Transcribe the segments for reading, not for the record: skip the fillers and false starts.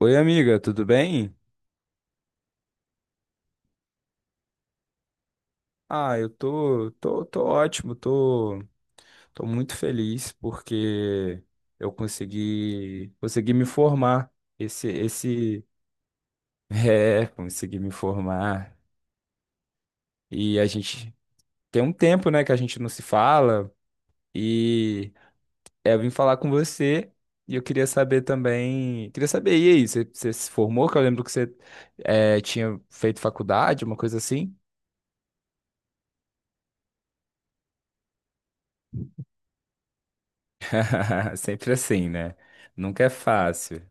Oi, amiga, tudo bem? Ah, eu tô ótimo, tô muito feliz porque eu consegui me formar. Esse, esse, é, consegui me formar. E a gente tem um tempo, né, que a gente não se fala e eu vim falar com você e eu queria saber também, queria saber, e aí, você se formou? Que eu lembro que você tinha feito faculdade, uma coisa assim. Sempre assim, né? Nunca é fácil.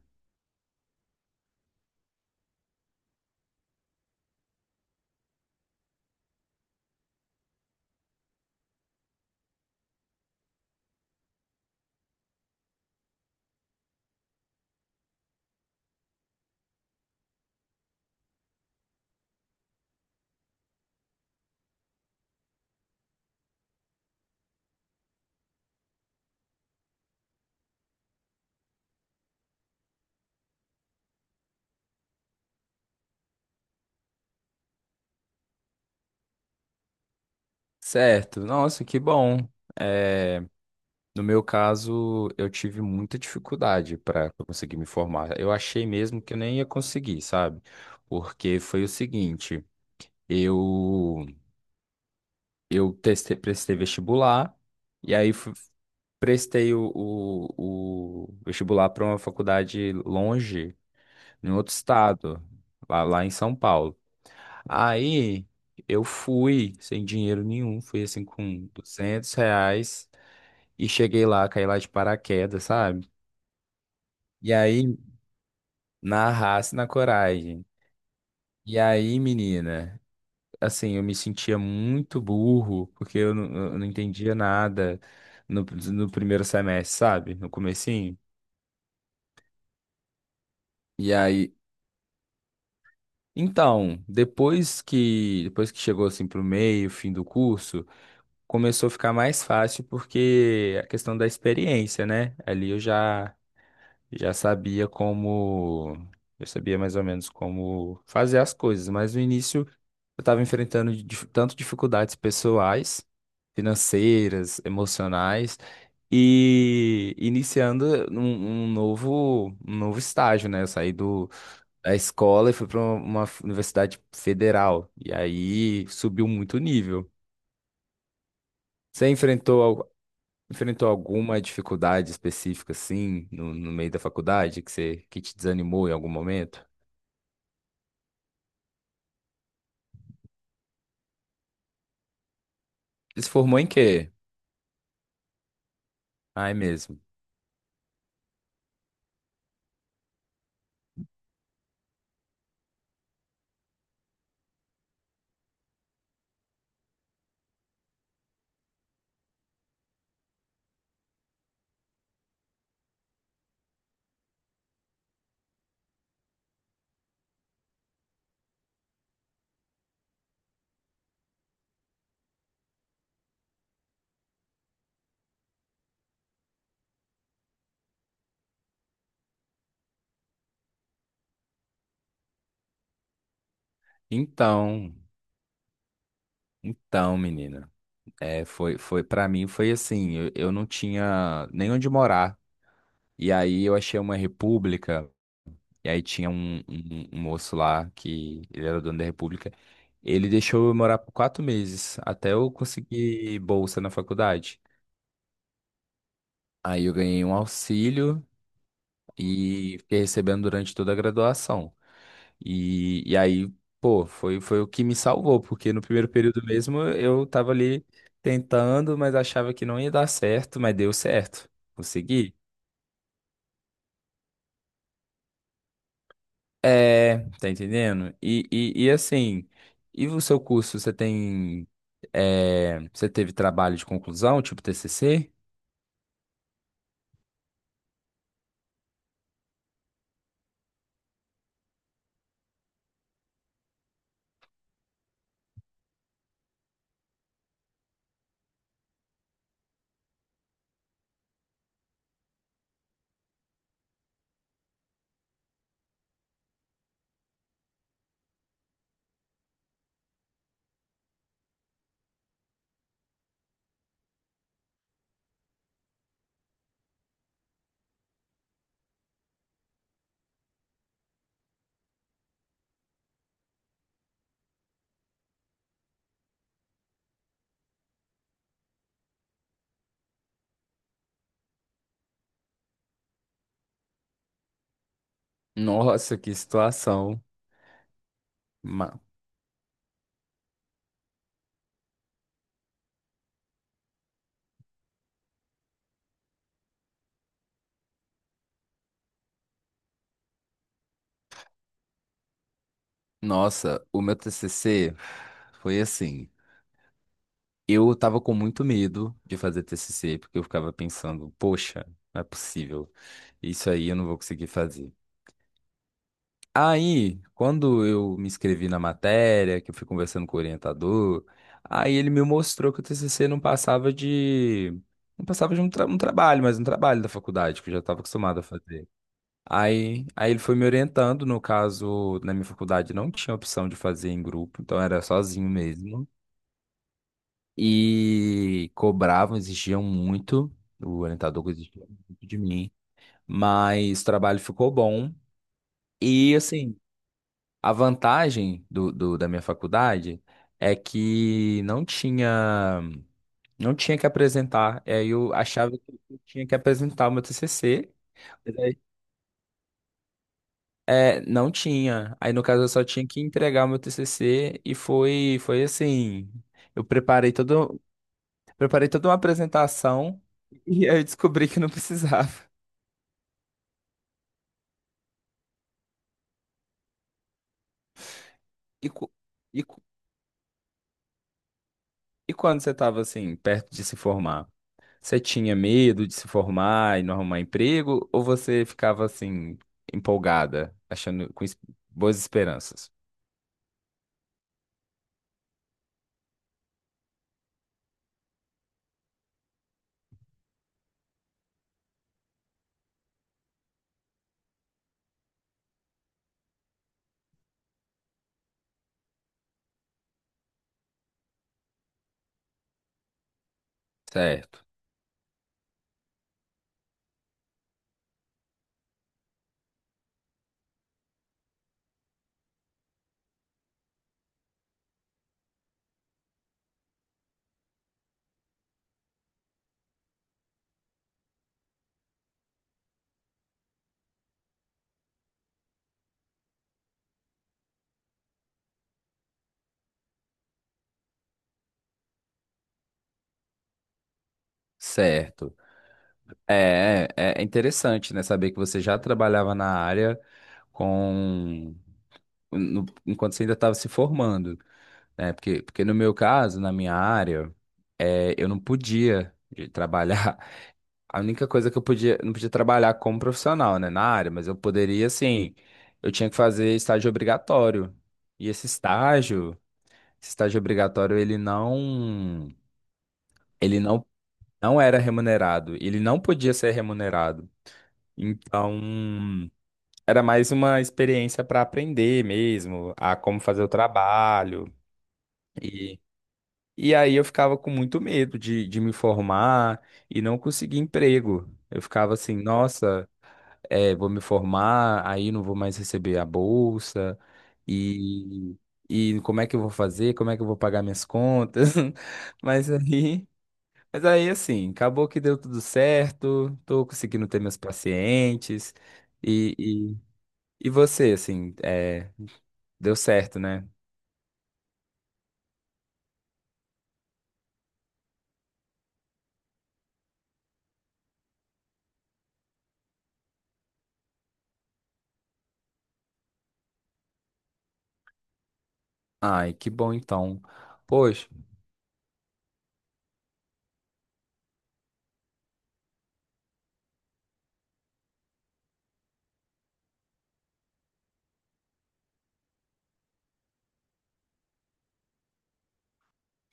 Certo, nossa, que bom. É, no meu caso, eu tive muita dificuldade para conseguir me formar. Eu achei mesmo que eu nem ia conseguir, sabe? Porque foi o seguinte, eu eu testei, prestei vestibular e aí prestei o vestibular para uma faculdade longe, em outro estado, lá em São Paulo. Aí eu fui sem dinheiro nenhum, fui assim com R$ 200. E cheguei lá, caí lá de paraquedas, sabe? E aí, na raça e na coragem. E aí, menina, assim, eu me sentia muito burro, porque eu não entendia nada no, no primeiro semestre, sabe? No comecinho. E aí, então, depois que chegou, assim, pro meio, fim do curso, começou a ficar mais fácil, porque a questão da experiência, né? Ali eu já já sabia como. Eu sabia mais ou menos como fazer as coisas, mas no início eu estava enfrentando tanto dificuldades pessoais, financeiras, emocionais, e iniciando um novo estágio, né? Eu saí da escola e fui para uma universidade federal, e aí subiu muito o nível. Você enfrentou alguma dificuldade específica, assim, no meio da faculdade, que, você, que te desanimou em algum momento? Se formou em quê? Ai, mesmo. Então, então, menina, para mim foi assim, eu não tinha nem onde morar. E aí eu achei uma república, e aí tinha um moço lá que ele era dono da república. Ele deixou eu morar por 4 meses, até eu conseguir bolsa na faculdade. Aí eu ganhei um auxílio e fiquei recebendo durante toda a graduação. E aí, pô, foi o que me salvou, porque no primeiro período mesmo eu tava ali tentando, mas achava que não ia dar certo, mas deu certo. Consegui. É, tá entendendo? E o seu curso, você teve trabalho de conclusão, tipo TCC? Nossa, que situação. Ma- Nossa, o meu TCC foi assim. Eu tava com muito medo de fazer TCC, porque eu ficava pensando, poxa, não é possível, isso aí eu não vou conseguir fazer. Aí, quando eu me inscrevi na matéria, que eu fui conversando com o orientador, aí ele me mostrou que o TCC não passava de um trabalho, mas um trabalho da faculdade, que eu já estava acostumado a fazer. Aí ele foi me orientando. No caso, na minha faculdade não tinha opção de fazer em grupo, então era sozinho mesmo. E cobravam, exigiam muito, o orientador exigia muito de mim, mas o trabalho ficou bom. E assim, a vantagem da minha faculdade é que não tinha que apresentar. É, eu achava que eu tinha que apresentar o meu TCC, mas aí, não tinha. Aí, no caso, eu só tinha que entregar o meu TCC e foi assim. Eu preparei todo Preparei toda uma apresentação. E aí eu descobri que não precisava. E, cu- e, cu- e quando você estava assim, perto de se formar, você tinha medo de se formar e não arrumar emprego? Ou você ficava assim, empolgada, achando com boas esperanças? Certo, certo. É interessante, né? Saber que você já trabalhava na área com, no- enquanto você ainda estava se formando. É, porque no meu caso, na minha área, eu não podia de trabalhar. A única coisa não podia trabalhar como profissional, né, na área, mas eu poderia, assim, eu tinha que fazer estágio obrigatório. E esse estágio obrigatório, ele ele não, não era remunerado, ele não podia ser remunerado. Então, era mais uma experiência para aprender mesmo, a como fazer o trabalho. E aí eu ficava com muito medo de me formar e não conseguir emprego. Eu ficava assim, nossa, vou me formar, aí não vou mais receber a bolsa, e, e como é que eu vou fazer? Como é que eu vou pagar minhas contas? Mas aí, mas aí assim, acabou que deu tudo certo, tô conseguindo ter meus pacientes, e, e, e você, assim, deu certo, né? Ai, que bom então. Poxa,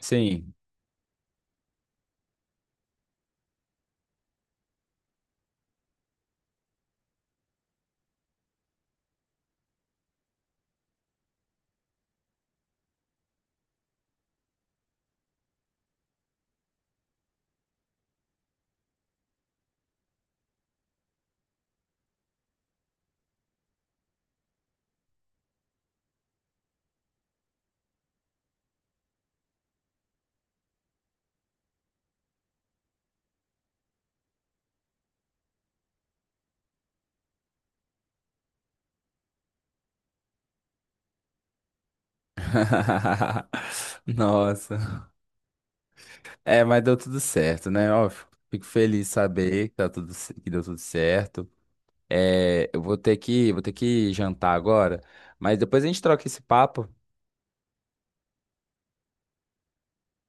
sim. Nossa. É, mas deu tudo certo, né? Ó, fico feliz de saber que deu tudo certo. É, eu vou ter que jantar agora, mas depois a gente troca esse papo.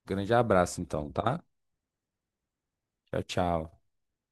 Grande abraço, então, tá? Tchau, tchau.